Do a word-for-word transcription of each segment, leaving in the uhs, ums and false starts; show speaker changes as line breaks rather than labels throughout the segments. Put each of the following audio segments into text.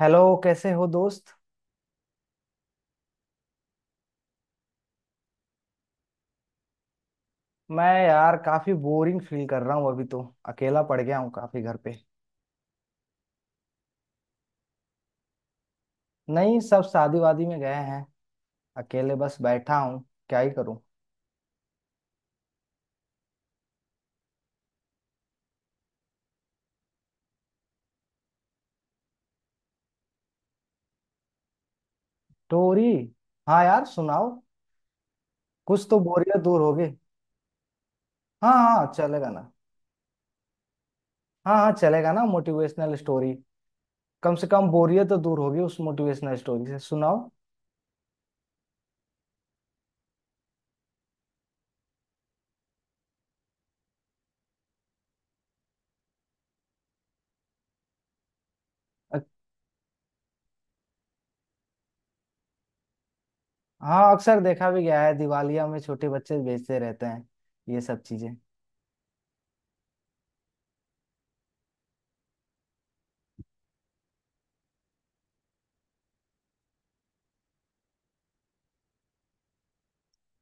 Hello, कैसे हो दोस्त। मैं यार काफी बोरिंग फील कर रहा हूँ अभी तो। अकेला पड़ गया हूँ काफी घर पे। नहीं, सब शादी वादी में गए हैं। अकेले बस बैठा हूँ। क्या ही करूँ। स्टोरी? हाँ यार सुनाओ। कुछ तो बोरियत दूर होगी। हाँ हाँ चलेगा ना। हाँ हाँ चलेगा ना मोटिवेशनल स्टोरी। कम से कम बोरियत तो दूर होगी उस मोटिवेशनल स्टोरी से, सुनाओ। अ- हाँ अक्सर देखा भी गया है दिवालिया में छोटे बच्चे बेचते रहते हैं ये सब चीजें।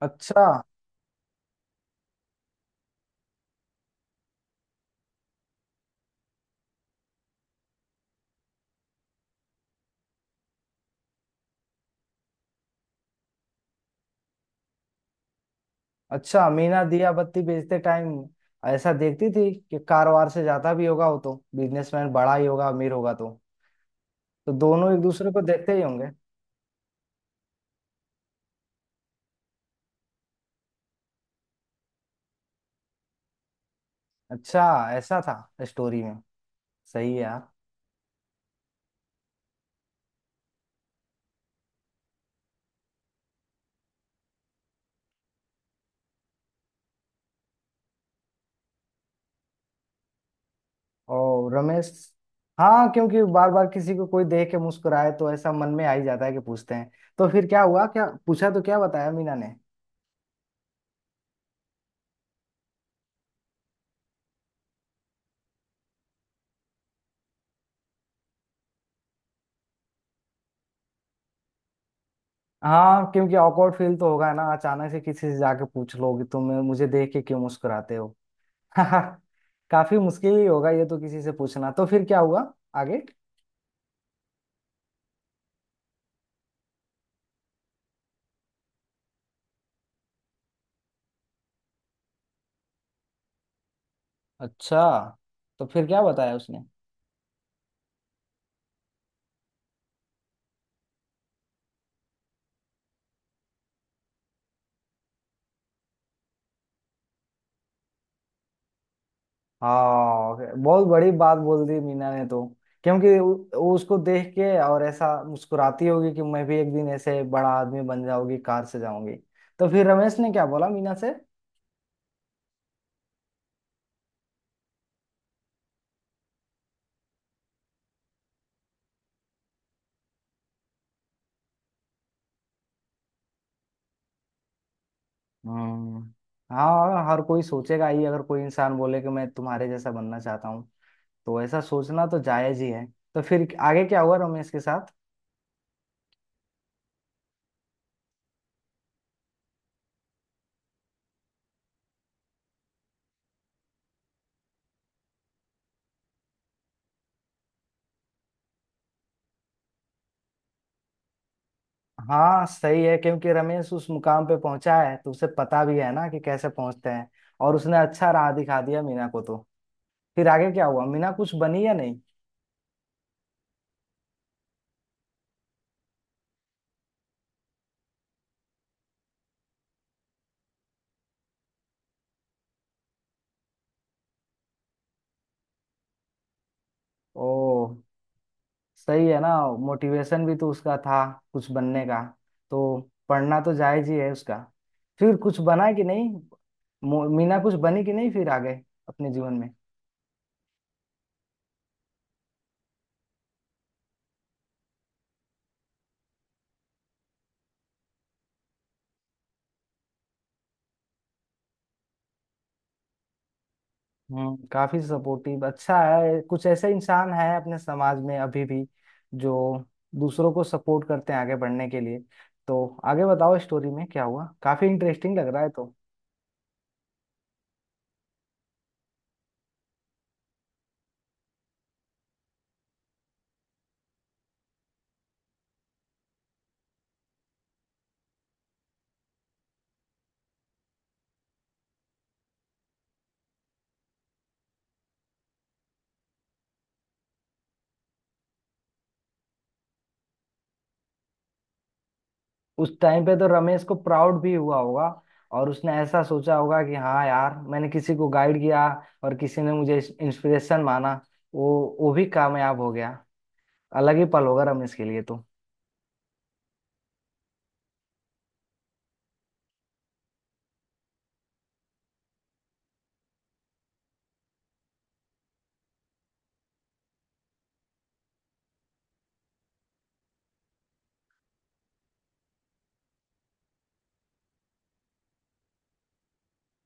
अच्छा। अच्छा मीना दिया बत्ती बेचते टाइम ऐसा देखती थी कि कारोबार से ज्यादा भी होगा, वो तो बिजनेसमैन बड़ा ही होगा अमीर होगा तो तो दोनों एक दूसरे को देखते ही होंगे। अच्छा, ऐसा था स्टोरी में। सही है यार। और रमेश? हाँ क्योंकि बार बार किसी को कोई देख के मुस्कुराए तो ऐसा मन में आ ही जाता है कि पूछते हैं। तो फिर क्या हुआ, क्या पूछा तो क्या बताया मीना ने? हाँ क्योंकि awkward फील तो होगा ना अचानक से किसी से जाके पूछ लो कि तुम मुझे देख के क्यों मुस्कुराते हो। काफी मुश्किल ही होगा ये तो किसी से पूछना। तो फिर क्या हुआ आगे? अच्छा, तो फिर क्या बताया उसने? हाँ, बहुत बड़ी बात बोल दी मीना ने तो। क्योंकि उ- उ- उसको देख के और ऐसा मुस्कुराती होगी कि मैं भी एक दिन ऐसे बड़ा आदमी बन जाऊंगी, कार से जाऊंगी। तो फिर रमेश ने क्या बोला मीना से? हम्म। हाँ हर कोई सोचेगा ही, अगर कोई इंसान बोले कि मैं तुम्हारे जैसा बनना चाहता हूँ तो ऐसा सोचना तो जायज ही है। तो फिर आगे क्या हुआ रमेश के साथ? हाँ सही है, क्योंकि रमेश उस मुकाम पे पहुंचा है तो उसे पता भी है ना कि कैसे पहुंचते हैं। और उसने अच्छा राह दिखा दिया मीना को तो। फिर आगे क्या हुआ, मीना कुछ बनी या नहीं? ओ, सही है ना। मोटिवेशन भी तो उसका था कुछ बनने का तो पढ़ना तो जायज ही है उसका। फिर कुछ बना कि नहीं, मो- मीना कुछ बनी कि नहीं फिर आगे अपने जीवन में? हम्म, काफी सपोर्टिव, अच्छा है। कुछ ऐसे इंसान हैं अपने समाज में अभी भी जो दूसरों को सपोर्ट करते हैं आगे बढ़ने के लिए। तो आगे बताओ स्टोरी में क्या हुआ, काफी इंटरेस्टिंग लग रहा है तो। उस टाइम पे तो रमेश को प्राउड भी हुआ होगा और उसने ऐसा सोचा होगा कि हाँ यार, मैंने किसी को गाइड किया और किसी ने मुझे इंस्पिरेशन माना, वो वो भी कामयाब हो गया। अलग ही पल होगा रमेश के लिए तो।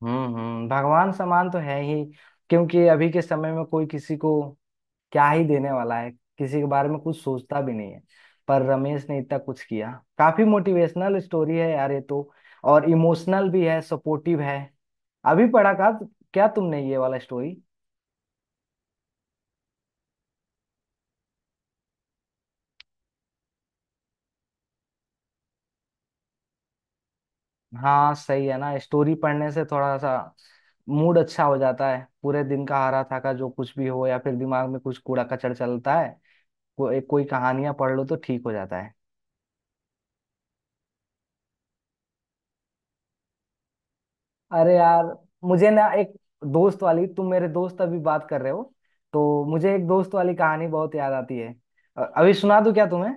हम्म हम्म, भगवान समान तो है ही, क्योंकि अभी के समय में कोई किसी को क्या ही देने वाला है, किसी के बारे में कुछ सोचता भी नहीं है। पर रमेश ने इतना कुछ किया। काफी मोटिवेशनल स्टोरी है यार ये तो, और इमोशनल भी है, सपोर्टिव है। अभी पढ़ा का क्या तुमने ये वाला स्टोरी? हाँ सही है ना, स्टोरी पढ़ने से थोड़ा सा मूड अच्छा हो जाता है। पूरे दिन का हारा थाका जो कुछ भी हो या फिर दिमाग में कुछ कूड़ा कचड़ चलता है को, एक कोई कहानियां पढ़ लो तो ठीक हो जाता है। अरे यार, मुझे ना एक दोस्त वाली, तुम मेरे दोस्त अभी बात कर रहे हो तो मुझे एक दोस्त वाली कहानी बहुत याद आती है। अ- अभी सुना दूं क्या तुम्हें?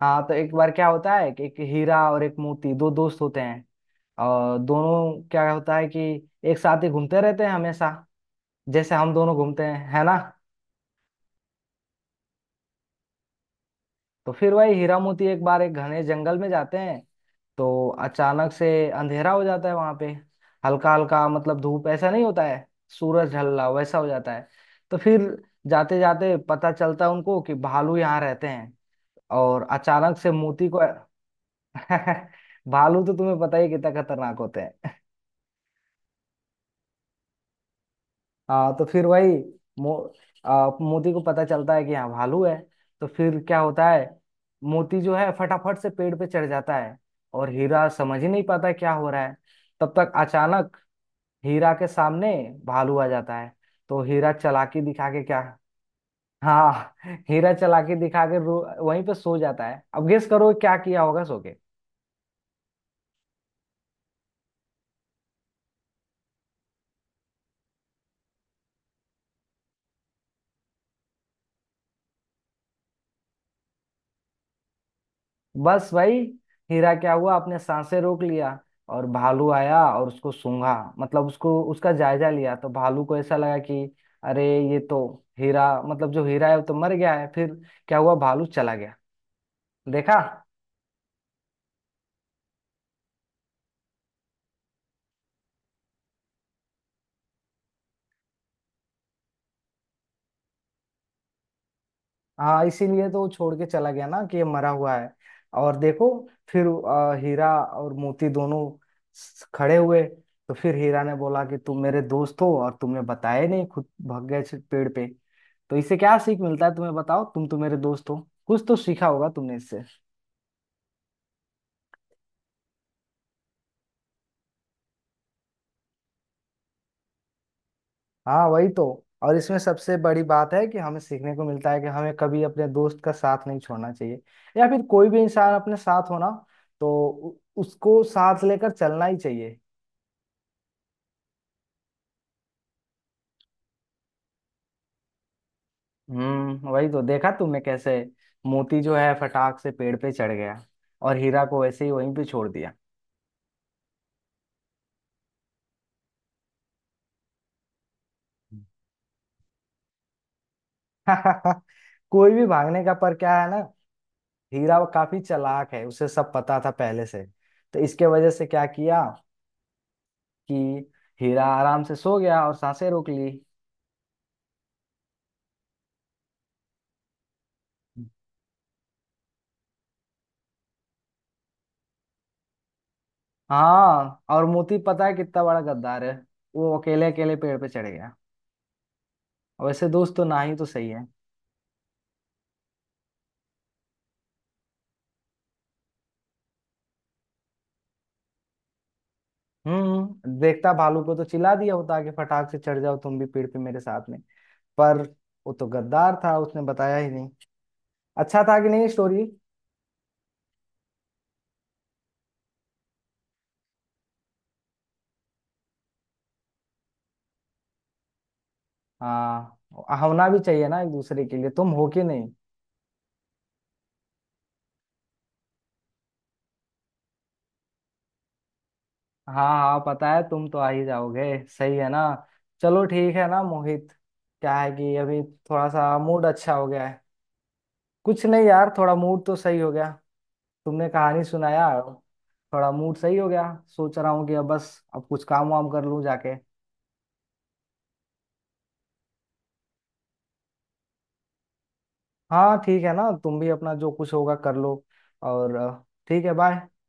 हाँ तो एक बार क्या होता है कि एक हीरा और एक मोती दो दोस्त होते हैं। और दोनों क्या होता है कि एक साथ ही घूमते रहते हैं हमेशा, जैसे हम दोनों घूमते हैं, है ना। तो फिर वही हीरा मोती एक बार एक घने जंगल में जाते हैं। तो अचानक से अंधेरा हो जाता है वहां पे। हल्का हल्का, मतलब धूप ऐसा नहीं होता है, सूरज ढल रहा हो वैसा हो जाता है। तो फिर जाते जाते पता चलता है उनको कि भालू यहाँ रहते हैं। और अचानक से मोती को भालू तो तुम्हें पता ही है कितना खतरनाक होते हैं। हाँ तो फिर वही मो, आ, मोती को पता चलता है कि यहाँ भालू है। तो फिर क्या होता है, मोती जो है फटाफट से पेड़ पे चढ़ जाता है और हीरा समझ ही नहीं पाता क्या हो रहा है। तब तक अचानक हीरा के सामने भालू आ जाता है। तो हीरा चालाकी दिखा के क्या, हाँ हीरा चालाकी दिखा के रो वहीं पे सो जाता है। अब गेस करो क्या किया होगा सो के। बस भाई, हीरा क्या हुआ अपने सांसें रोक लिया। और भालू आया और उसको सूंघा, मतलब उसको उसका जायजा लिया। तो भालू को ऐसा लगा कि अरे ये तो हीरा, मतलब जो हीरा है वो तो मर गया है। फिर क्या हुआ, भालू चला गया, देखा। हाँ इसीलिए तो वो छोड़ के चला गया ना कि ये मरा हुआ है। और देखो फिर अ, हीरा और मोती दोनों स- खड़े हुए। तो फिर हीरा ने बोला कि तुम मेरे दोस्त हो और तुमने बताया नहीं, खुद भाग गए से पेड़ पे। तो इससे क्या सीख मिलता है तुम्हें बताओ, तुम तो मेरे दोस्त हो, कुछ तो सीखा होगा तुमने इससे। हाँ वही तो, और इसमें सबसे बड़ी बात है कि हमें सीखने को मिलता है कि हमें कभी अपने दोस्त का साथ नहीं छोड़ना चाहिए, या फिर कोई भी इंसान अपने साथ हो ना तो उ- उसको साथ लेकर चलना ही चाहिए। हम्म वही तो, देखा तुमने कैसे मोती जो है फटाक से पेड़ पे चढ़ गया और हीरा को वैसे ही वहीं पे छोड़ दिया। कोई भी भागने का, पर क्या है ना, हीरा वो काफी चालाक है, उसे सब पता था पहले से, तो इसके वजह से क्या किया कि हीरा आराम से सो गया और सांसें रोक ली। हाँ, और मोती पता है कितना बड़ा गद्दार है, वो अकेले अकेले पेड़ पे चढ़ गया। और वैसे दोस्त तो ना ही तो सही है। हम्म देखता भालू को तो चिल्ला दिया होता कि फटाक से चढ़ जाओ तुम भी पेड़ पे मेरे साथ में। पर वो तो गद्दार था, उसने बताया ही नहीं। अच्छा था कि नहीं स्टोरी? हाँ, होना भी चाहिए ना एक दूसरे के लिए, तुम हो कि नहीं? हाँ हाँ पता है, तुम तो आ ही जाओगे। सही है ना। चलो ठीक है ना मोहित, क्या है कि अभी थोड़ा सा मूड अच्छा हो गया है। कुछ नहीं यार, थोड़ा मूड तो सही हो गया, तुमने कहानी सुनाया, थोड़ा मूड सही हो गया। सोच रहा हूँ कि अब बस अब कुछ काम वाम कर लूँ जाके। हाँ ठीक है ना, तुम भी अपना जो कुछ होगा कर लो। और अ, ठीक है, बाय।